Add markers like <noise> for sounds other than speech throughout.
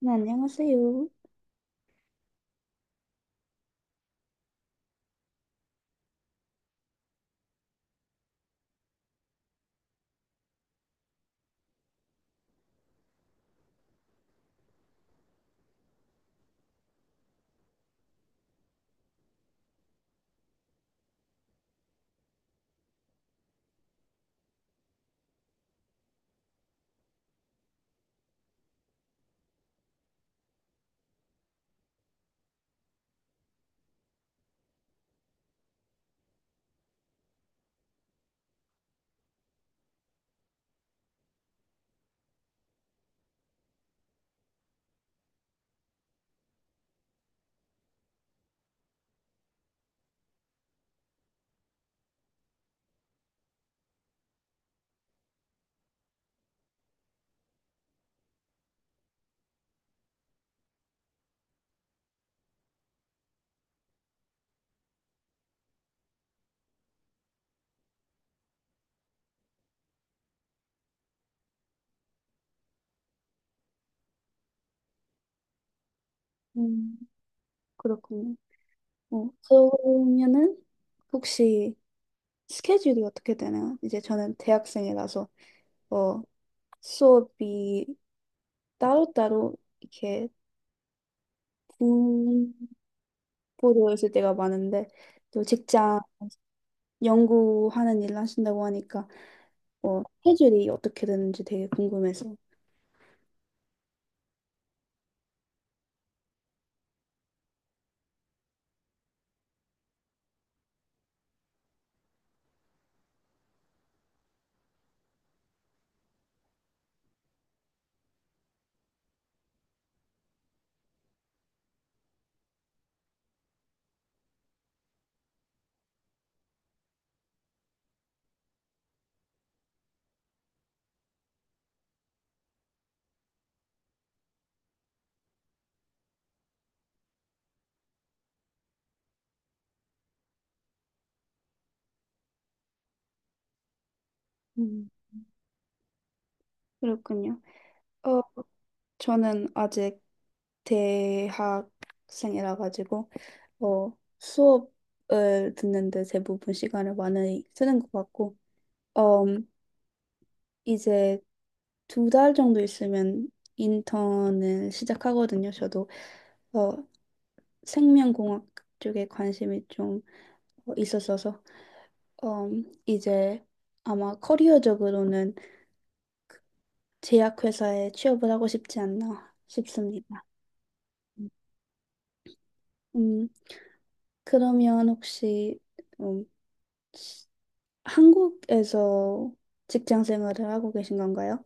네, 안녕하세요. 음, 그렇군요. 그러면은 혹시 스케줄이 어떻게 되나요? 이제 저는 대학생이라서 어, 수업이 따로따로 이렇게 분포되어 있을 때가 많은데 또 직장 연구하는 일을 하신다고 하니까 스케줄이 어떻게 되는지 되게 궁금해서. 음, 그렇군요. 어, 저는 아직 대학생이라 가지고 어, 수업을 듣는데 대부분 시간을 많이 쓰는 것 같고 음, 이제 두 달 정도 있으면 인턴을 시작하거든요. 저도 어, 생명공학 쪽에 관심이 좀 있었어서 이제 아마 커리어적으로는 제약회사에 취업을 하고 싶지 않나 싶습니다. 음, 그러면 혹시 음, 한국에서 직장 생활을 하고 계신 건가요?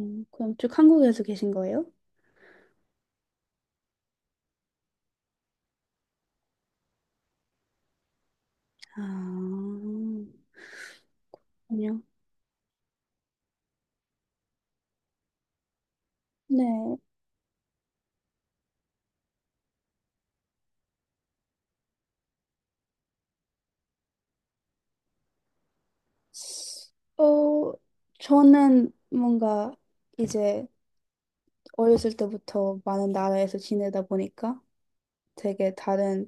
그럼 쭉 한국에서 계신 거예요? 아, 아니요 네. 어, 저는 뭔가 이제 어렸을 때부터 많은 나라에서 지내다 보니까 되게 다른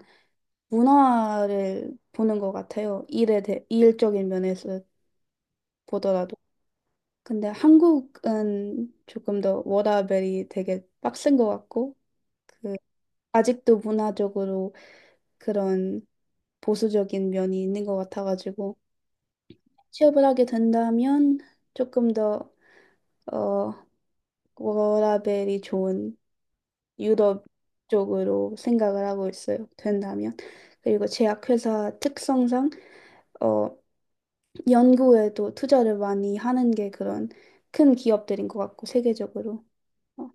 문화를 보는 것 같아요. 일에 대, 일적인 면에서 보더라도. 근데 한국은 조금 더 워라밸이 되게 빡센 것 같고, 그 아직도 문화적으로 그런 보수적인 면이 있는 것 같아가지고 취업을 하게 된다면 조금 더 어, 워라밸이 좋은 유럽 쪽으로 생각을 하고 있어요. 된다면. 그리고 제약회사 특성상 어, 연구에도 투자를 많이 하는 게 그런 큰 기업들인 것 같고 세계적으로. 어,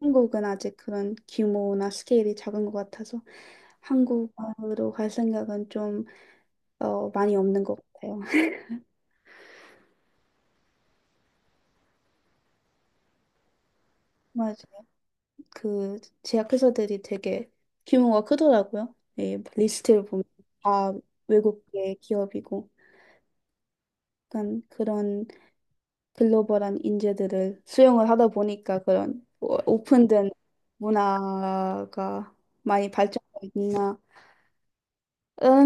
한국은 아직 그런 규모나 스케일이 작은 것 같아서 한국으로 갈 생각은 좀 많이 없는 것 같아요. <laughs> 맞아요. 그 제약회사들이 되게 규모가 크더라고요. 이 리스트를 보면 다 외국계 기업이고 약간 그런 글로벌한 인재들을 수용을 하다 보니까 오픈된 문화가 많이 발전되어 있나라는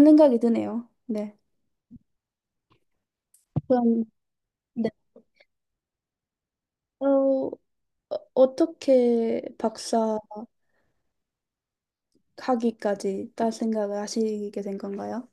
생각이 드네요. 네. 그럼 네. 어, 어, 어떻게 박사 학위까지 딸 생각을 하시게 된 건가요?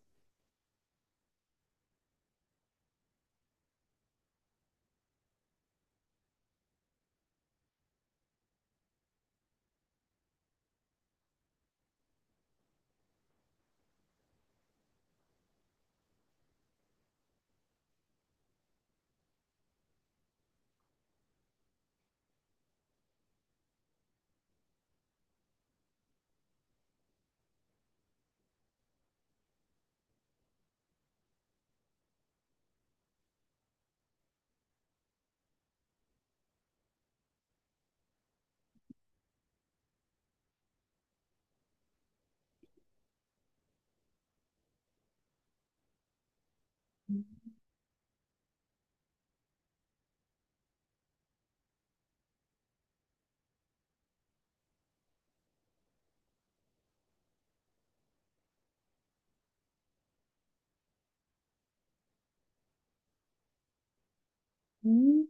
음.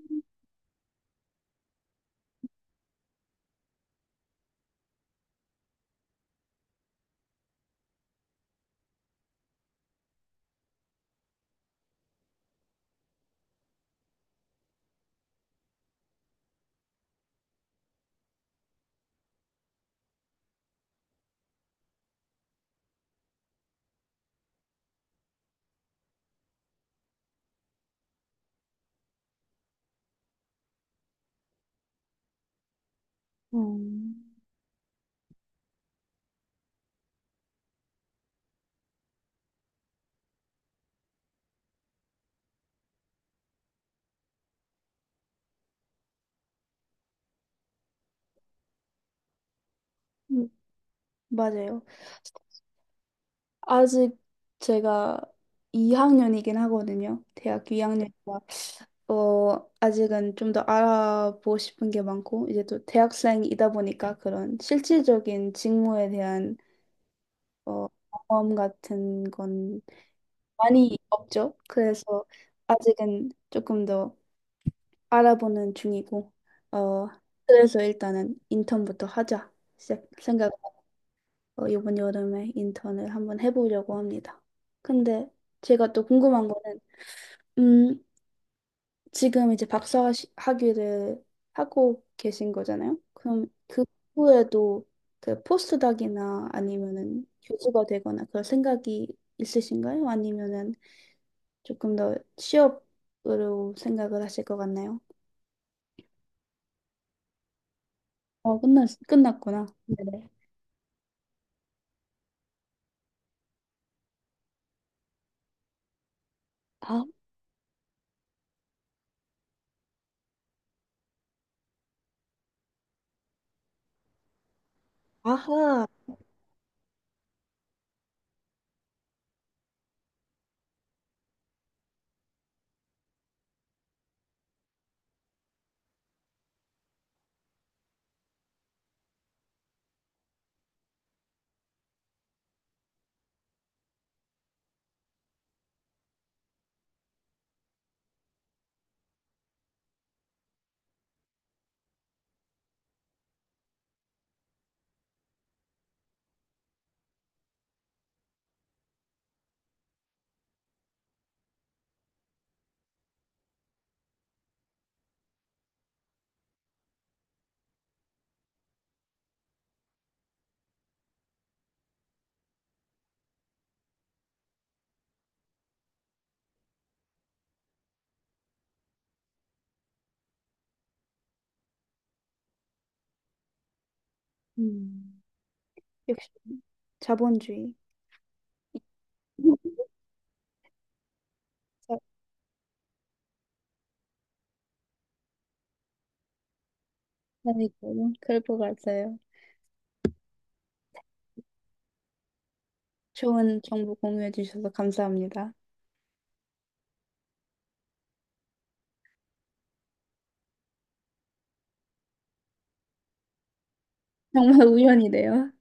음. 음, 맞아요. 아직 제가 2학년이긴 하거든요. 대학 2학년이라 어 아직은 좀 더 알아보고 싶은 게 많고 이제 또 대학생이다 보니까 그런 실질적인 직무에 대한 어 경험 같은 건 많이 없죠. 그래서 아직은 조금 더 알아보는 중이고 어 그래서 일단은 인턴부터 하자 시작 생각. 이번 여름에 인턴을 한번 해보려고 합니다. 근데 제가 또 궁금한 거는, 음, 지금 이제 박사 학위를 하고 계신 거잖아요? 그럼 그 후에도 그 포스닥이나 아니면은 교수가 되거나 그럴 생각이 있으신가요? 아니면은 조금 더 취업으로 생각을 하실 것 같나요? 끝났구나. 네네. 아, 아하. 음, 역시 자본주의. <laughs> 아이고, 그럴 것 같아요. 좋은 정보 공유해 주셔서 감사합니다. 정말 <laughs> 우연이네요.